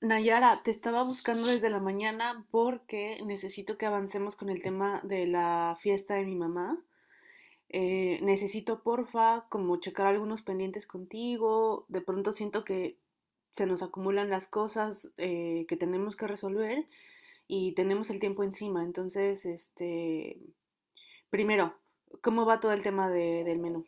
Nayara, te estaba buscando desde la mañana porque necesito que avancemos con el tema de la fiesta de mi mamá. Necesito, porfa, como checar algunos pendientes contigo. De pronto siento que se nos acumulan las cosas, que tenemos que resolver y tenemos el tiempo encima. Entonces, este, primero, ¿cómo va todo el tema del menú?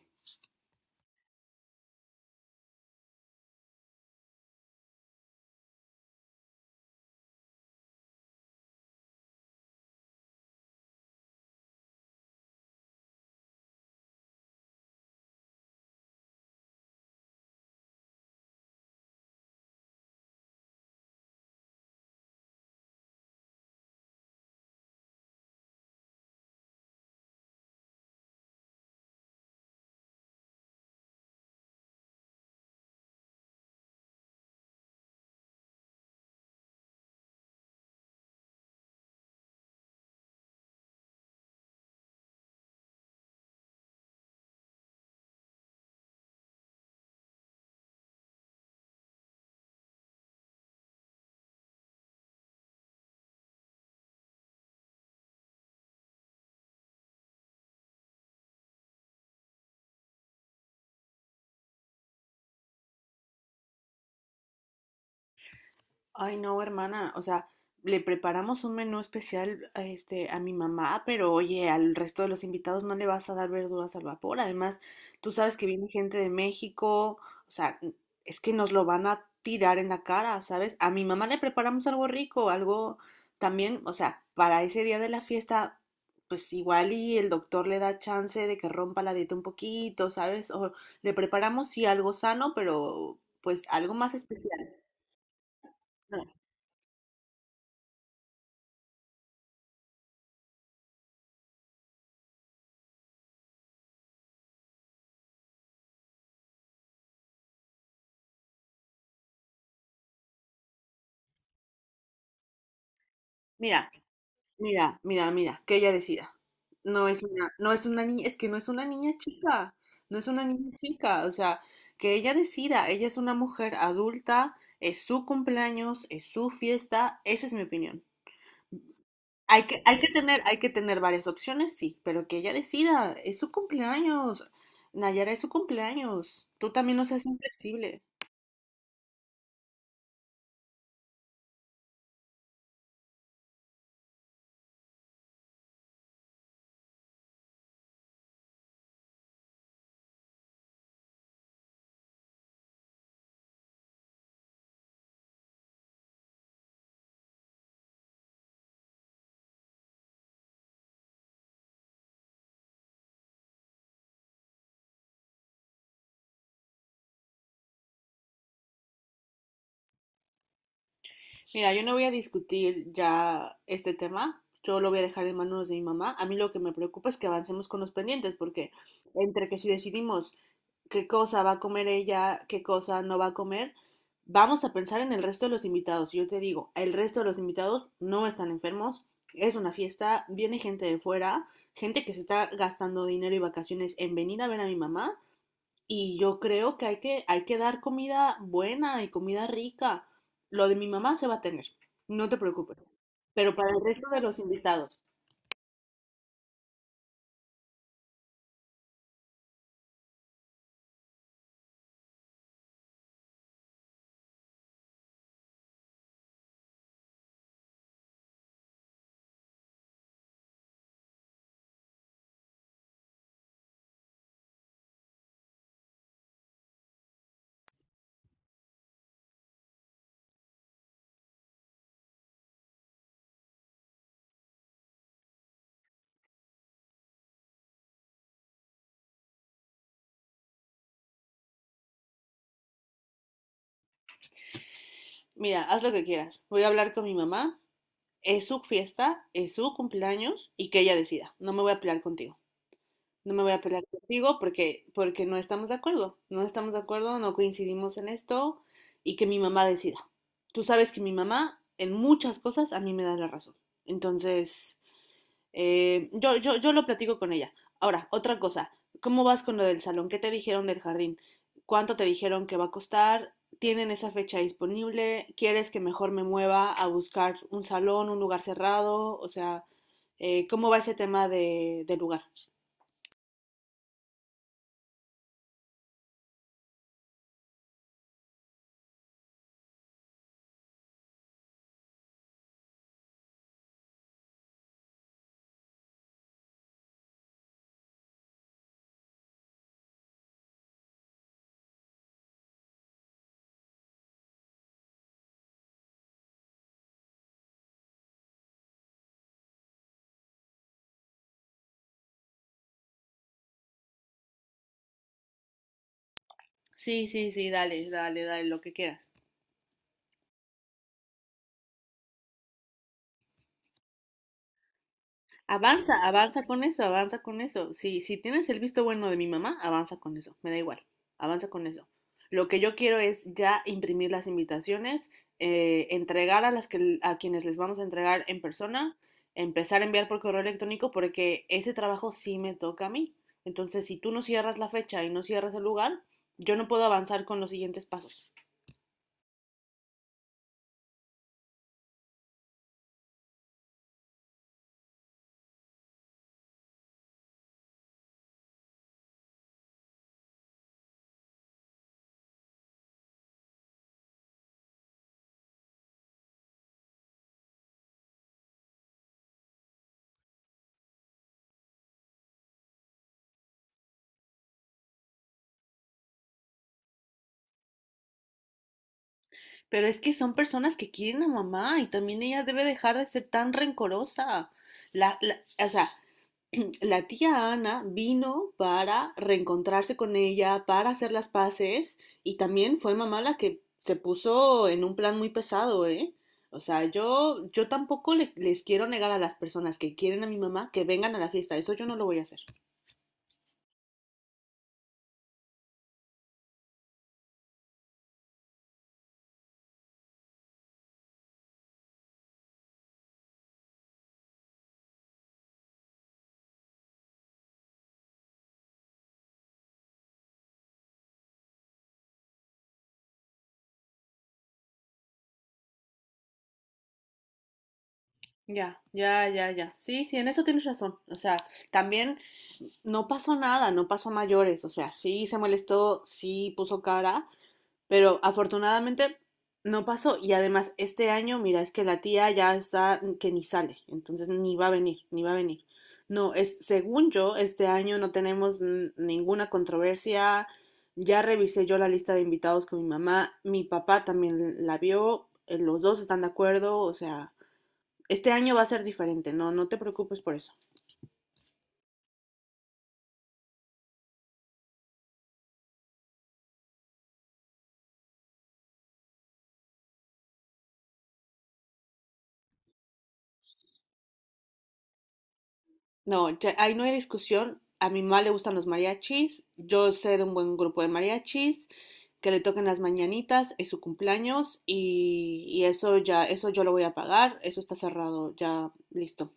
Ay, no, hermana, o sea, le preparamos un menú especial a, este, a mi mamá, pero oye, al resto de los invitados no le vas a dar verduras al vapor. Además, tú sabes que viene gente de México, o sea, es que nos lo van a tirar en la cara, ¿sabes? A mi mamá le preparamos algo rico, algo también, o sea, para ese día de la fiesta, pues igual y el doctor le da chance de que rompa la dieta un poquito, ¿sabes? O le preparamos sí algo sano, pero pues algo más especial. No, Mira. Mira, mira, mira, que ella decida. No es una, no es una niña, es que no es una niña chica, no es una niña chica, o sea, que ella decida, ella es una mujer adulta, es su cumpleaños, es su fiesta, esa es mi opinión. Hay que tener varias opciones, sí, pero que ella decida, es su cumpleaños, Nayara, es su cumpleaños, tú también no seas inflexible. Mira, yo no voy a discutir ya este tema, yo lo voy a dejar en manos de mi mamá. A mí lo que me preocupa es que avancemos con los pendientes, porque entre que si decidimos qué cosa va a comer ella, qué cosa no va a comer, vamos a pensar en el resto de los invitados. Y yo te digo, el resto de los invitados no están enfermos, es una fiesta, viene gente de fuera, gente que se está gastando dinero y vacaciones en venir a ver a mi mamá y yo creo que hay que, hay que dar comida buena y comida rica. Lo de mi mamá se va a tener, no te preocupes. Pero para el resto de los invitados, mira, haz lo que quieras. Voy a hablar con mi mamá, es su fiesta, es su cumpleaños y que ella decida. No me voy a pelear contigo. No me voy a pelear contigo porque, porque no estamos de acuerdo. No estamos de acuerdo, no coincidimos en esto y que mi mamá decida. Tú sabes que mi mamá en muchas cosas a mí me da la razón. Entonces... Yo lo platico con ella. Ahora, otra cosa, ¿cómo vas con lo del salón? ¿Qué te dijeron del jardín? ¿Cuánto te dijeron que va a costar? ¿Tienen esa fecha disponible? ¿Quieres que mejor me mueva a buscar un salón, un lugar cerrado? O sea, ¿cómo va ese tema de lugar? Sí, sí, sí, dale, dale, dale, lo que quieras. Avanza, avanza con eso, avanza con eso. Si tienes el visto bueno de mi mamá, avanza con eso, me da igual, avanza con eso. Lo que yo quiero es ya imprimir las invitaciones, entregar a las que a quienes les vamos a entregar en persona, empezar a enviar por correo electrónico porque ese trabajo sí me toca a mí. Entonces, si tú no cierras la fecha y no cierras el lugar, yo no puedo avanzar con los siguientes pasos. Pero es que son personas que quieren a mamá y también ella debe dejar de ser tan rencorosa. La, la- o sea, la tía Ana vino para reencontrarse con ella, para hacer las paces, y también fue mamá la que se puso en un plan muy pesado, ¿eh? O sea, yo tampoco les quiero negar a las personas que quieren a mi mamá que vengan a la fiesta, eso yo no lo voy a hacer. Ya, ya, ya, ya. Sí, sí, en eso tienes razón. O sea, también no pasó nada, no pasó a mayores, o sea, sí se molestó, sí puso cara, pero afortunadamente no pasó. Y además, este año, mira, es que la tía ya está que ni sale. Entonces ni va a venir, ni va a venir. No, es, según yo, este año no tenemos ninguna controversia. Ya revisé yo la lista de invitados con mi mamá. Mi papá también la vio. Los dos están de acuerdo. O sea, este año va a ser diferente. No, no te preocupes por eso. No, ahí no hay discusión. A mi mamá le gustan los mariachis. Yo sé de un buen grupo de mariachis que le toquen las mañanitas, es su cumpleaños y eso ya, eso yo lo voy a pagar. Eso está cerrado, ya listo.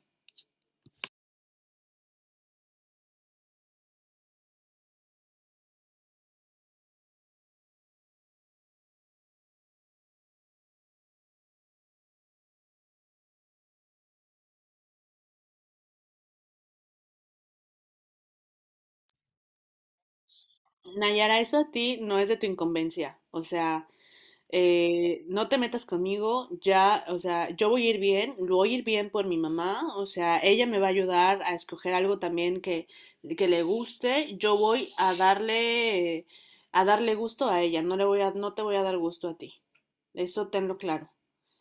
Nayara, eso a ti no es de tu incumbencia. O sea, no te metas conmigo, ya, o sea, yo voy a ir bien, lo voy a ir bien por mi mamá, o sea, ella me va a ayudar a escoger algo también que le guste, yo voy a darle gusto a ella, no te voy a dar gusto a ti, eso tenlo claro.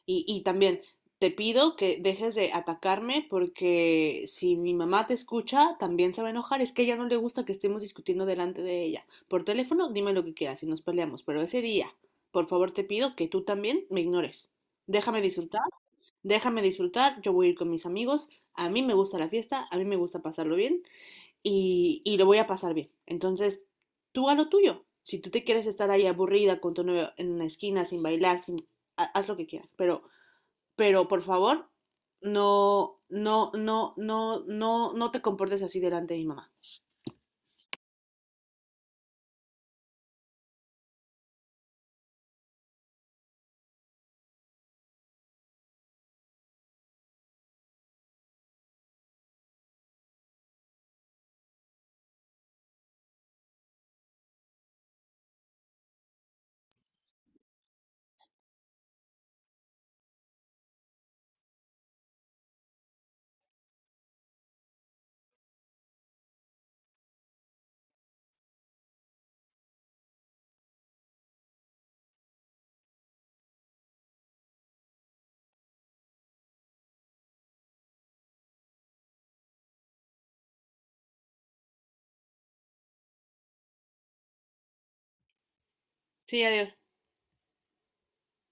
Y también te pido que dejes de atacarme porque si mi mamá te escucha, también se va a enojar, es que a ella no le gusta que estemos discutiendo delante de ella. Por teléfono, dime lo que quieras y nos peleamos, pero ese día por favor, te pido que tú también me ignores. Déjame disfrutar, déjame disfrutar, yo voy a ir con mis amigos, a mí me gusta la fiesta, a mí me gusta pasarlo bien y lo voy a pasar bien. Entonces, tú a lo tuyo. Si tú te quieres estar ahí aburrida con tu novio en una esquina, sin bailar, sin, haz lo que quieras, pero por favor, no, no, no, no, no, no te comportes así delante de mi mamá. Sí, adiós.